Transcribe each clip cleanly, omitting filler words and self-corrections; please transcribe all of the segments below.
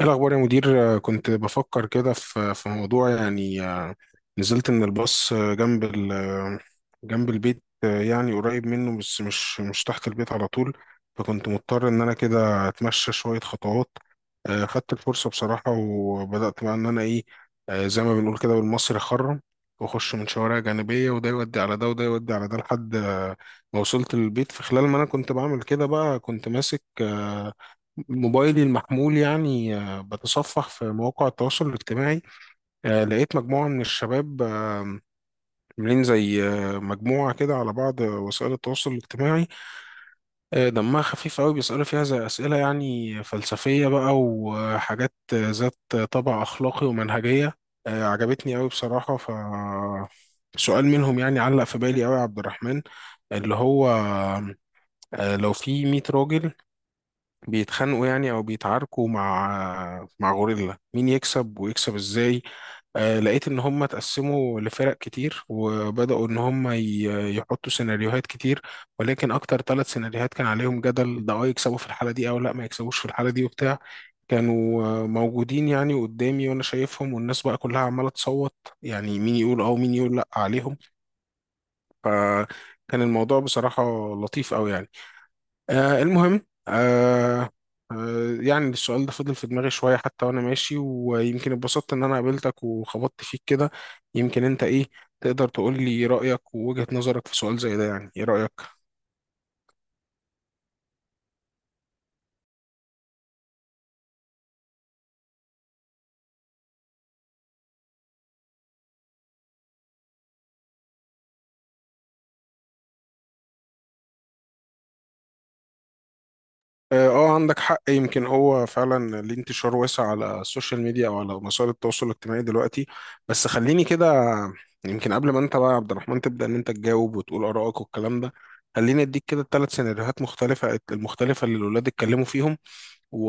إيه الأخبار يا مدير؟ كنت بفكر كده في موضوع يعني. نزلت من الباص، جنب ال آه، جنب البيت، آه، يعني قريب منه، بس مش تحت البيت على طول. فكنت مضطر إن أنا كده أتمشى شوية خطوات. خدت الفرصة بصراحة، وبدأت بقى إن أنا، إيه آه، زي ما بنقول كده بالمصري، أخرم وأخش من شوارع جانبية، وده يودي على ده وده يودي على ده، لحد ما وصلت للبيت. في خلال ما أنا كنت بعمل كده بقى، كنت ماسك موبايلي المحمول، يعني بتصفح في مواقع التواصل الاجتماعي. لقيت مجموعة من الشباب، عاملين زي مجموعة كده على بعض وسائل التواصل الاجتماعي، دمها خفيف قوي، بيسألوا فيها زي أسئلة يعني فلسفية بقى، وحاجات ذات طابع أخلاقي ومنهجية. عجبتني قوي بصراحة. سؤال منهم يعني علق في بالي قوي يا عبد الرحمن، اللي هو لو في 100 راجل بيتخانقوا يعني، او بيتعاركوا مع غوريلا، مين يكسب ويكسب ازاي؟ لقيت ان هم اتقسموا لفرق كتير، وبداوا ان هم يحطوا سيناريوهات كتير. ولكن اكتر ثلاث سيناريوهات كان عليهم جدل، ده يكسبوا في الحالة دي او لا ما يكسبوش في الحالة دي وبتاع. كانوا موجودين يعني قدامي، وانا شايفهم، والناس بقى كلها عمالة تصوت، يعني مين يقول اه ومين يقول لا عليهم. فكان الموضوع بصراحة لطيف قوي يعني. المهم، يعني السؤال ده فضل في دماغي شوية، حتى وأنا ماشي، ويمكن اتبسطت إن أنا قابلتك وخبطت فيك كده. يمكن أنت تقدر تقول لي رأيك ووجهة نظرك في سؤال زي ده؟ يعني إيه رأيك؟ عندك حق. يمكن هو فعلا ليه انتشار واسع على السوشيال ميديا، أو على وسائل التواصل الاجتماعي دلوقتي. بس خليني كده، يمكن قبل ما أنت بقى يا عبد الرحمن تبدأ إن أنت تجاوب وتقول آرائك والكلام ده، خليني أديك كده ثلاث سيناريوهات مختلفة اللي الولاد اتكلموا فيهم، و...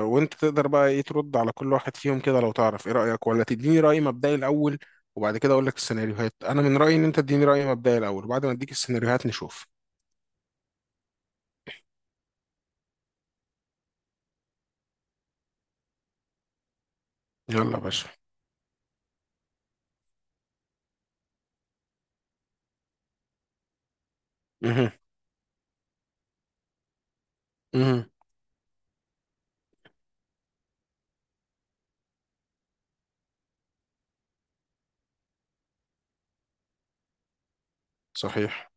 وانت تقدر بقى ترد على كل واحد فيهم كده، لو تعرف ايه رأيك، ولا تديني رأي مبدئي الاول وبعد كده اقول لك السيناريوهات. انا من رأيي ان انت تديني رأي مبدئي الاول، وبعد ما اديك السيناريوهات نشوف. يلا يا باشا. مه. مه. صحيح.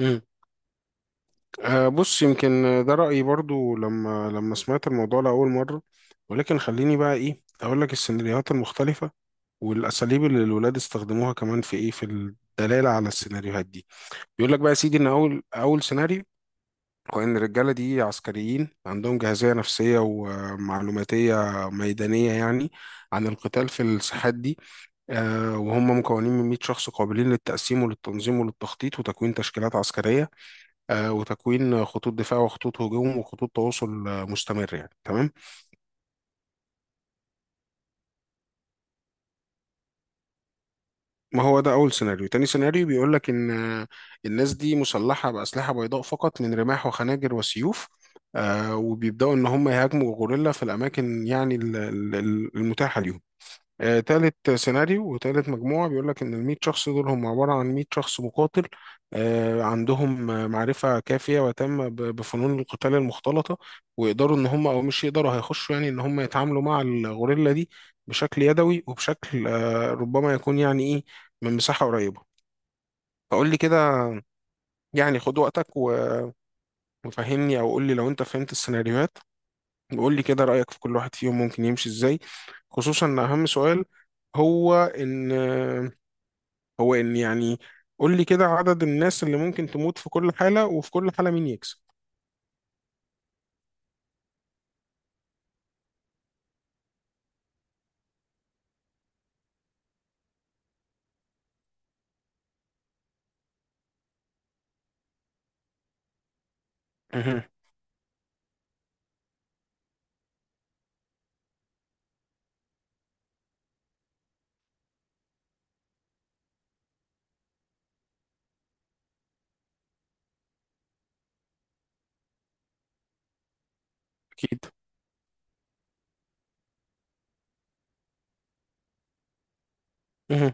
مه. بص، يمكن ده رأيي برضو لما سمعت الموضوع لأول مرة. ولكن خليني بقى اقول لك السيناريوهات المختلفة، والاساليب اللي الولاد استخدموها كمان، في الدلالة على السيناريوهات دي. بيقول لك بقى يا سيدي ان اول سيناريو، وإن الرجالة دي عسكريين، عندهم جاهزية نفسية ومعلوماتية ميدانية يعني، عن القتال في الساحات دي. وهم مكونين من 100 شخص، قابلين للتقسيم وللتنظيم وللتخطيط وتكوين تشكيلات عسكرية، وتكوين خطوط دفاع وخطوط هجوم وخطوط تواصل مستمر، يعني تمام. ما هو ده أول سيناريو. تاني سيناريو بيقول لك إن الناس دي مسلحة بأسلحة بيضاء فقط، من رماح وخناجر وسيوف. وبيبدأوا إن هم يهاجموا غوريلا في الأماكن، يعني المتاحة ليهم. تالت سيناريو وتالت مجموعة بيقول لك إن الميت شخص دول هم عبارة عن ميت شخص مقاتل، عندهم معرفة كافية وتامة بفنون القتال المختلطة. ويقدروا إن هم، أو مش يقدروا، هيخشوا يعني إن هم يتعاملوا مع الغوريلا دي بشكل يدوي، وبشكل ربما يكون يعني من مساحة قريبة. فقول لي كده، يعني خد وقتك وفهمني، أو قول لي لو أنت فهمت السيناريوهات، وقول لي كده رأيك في كل واحد فيهم ممكن يمشي إزاي. خصوصا إن أهم سؤال هو إن هو ان يعني قول لي كده عدد الناس اللي ممكن تموت في كل حالة، وفي كل حالة مين يكسب. مهم. اكيد. مهم.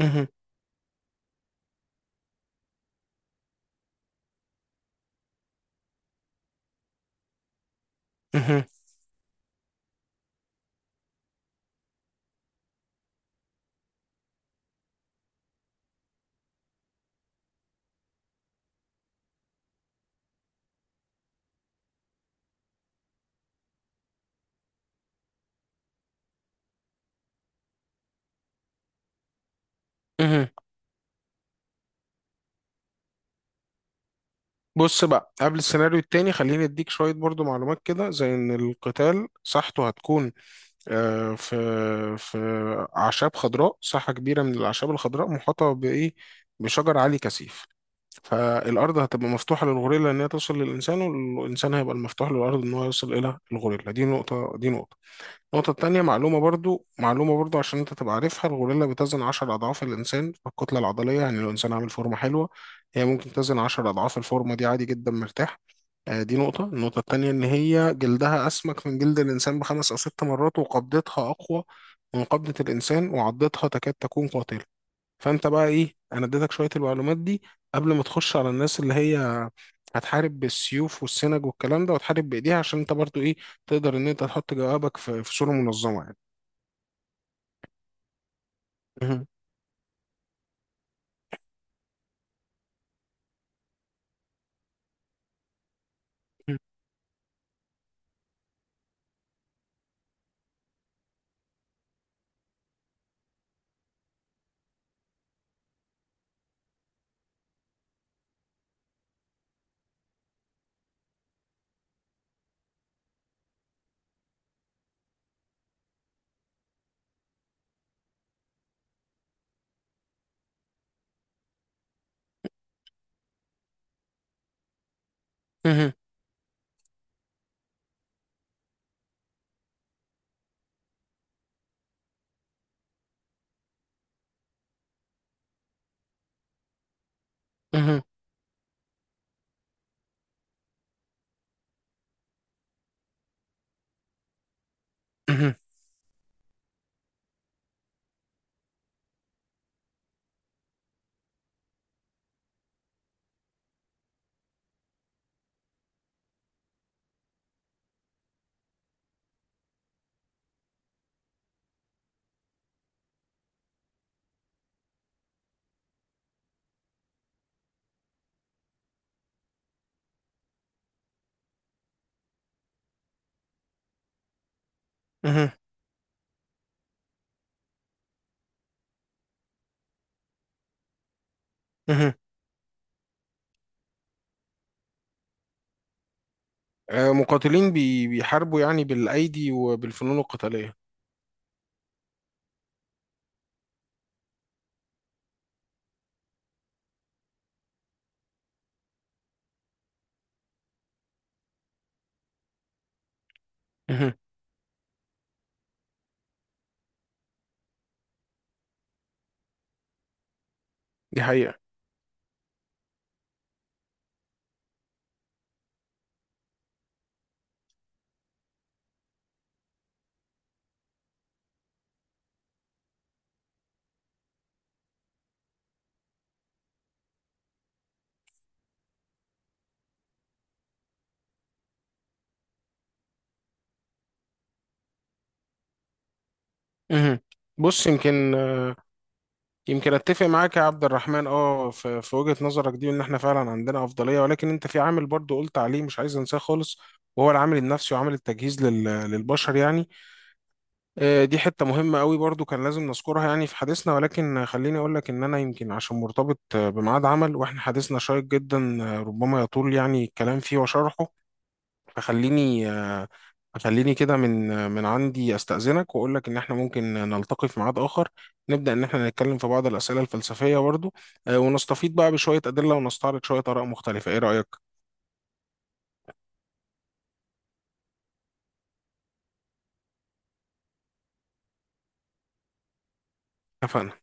مهم. مهم. مهم. بص بقى، قبل السيناريو التاني خليني اديك شوية برضو معلومات كده، زي ان القتال مساحته هتكون في في اعشاب خضراء، ساحة كبيرة من الاعشاب الخضراء، محاطة بايه، بشجر عالي كثيف. فالارض هتبقى مفتوحة للغوريلا ان هي توصل للانسان، والانسان هيبقى المفتوح للارض ان هو يوصل الى الغوريلا دي نقطة. النقطة التانية، معلومة برضو، عشان أنت تبقى عارفها: الغوريلا بتزن عشر أضعاف الإنسان في الكتلة العضلية، يعني لو إنسان عامل فورمة حلوة، هي ممكن تزن عشر أضعاف الفورمة دي، عادي جدا، مرتاح. دي نقطة. النقطة التانية إن هي جلدها أسمك من جلد الإنسان بخمس أو ست مرات، وقبضتها أقوى من قبضة الإنسان، وعضتها تكاد تكون قاتلة. فانت بقى انا اديتك شويه المعلومات دي قبل ما تخش على الناس اللي هي هتحارب بالسيوف والسنج والكلام ده، وتحارب بايديها، عشان انت برضو تقدر ان انت تحط جوابك في صوره منظمه يعني. مهم. مهم. مهم. مهم. مهم. مهم. مقاتلين بيحاربوا يعني بالايدي وبالفنون القتاليه. مهم. دي حقيقه. مهم. بص يمكن اتفق معاك يا عبد الرحمن، في وجهة نظرك دي، ان احنا فعلا عندنا افضلية. ولكن انت في عامل برضو قلت عليه، مش عايز انساه خالص، وهو العامل النفسي وعامل التجهيز للبشر يعني. دي حتة مهمة قوي برضو، كان لازم نذكرها يعني في حديثنا. ولكن خليني اقول لك ان انا يمكن عشان مرتبط بميعاد عمل، واحنا حديثنا شيق جدا، ربما يطول يعني الكلام فيه وشرحه. فخليني آه، خليني كده من عندي استأذنك، واقول لك ان احنا ممكن نلتقي في ميعاد اخر، نبدأ ان احنا نتكلم في بعض الأسئلة الفلسفية برضو. ونستفيض بقى بشوية أدلة، ونستعرض شوية آراء مختلفة. ايه رأيك؟ اتفقنا.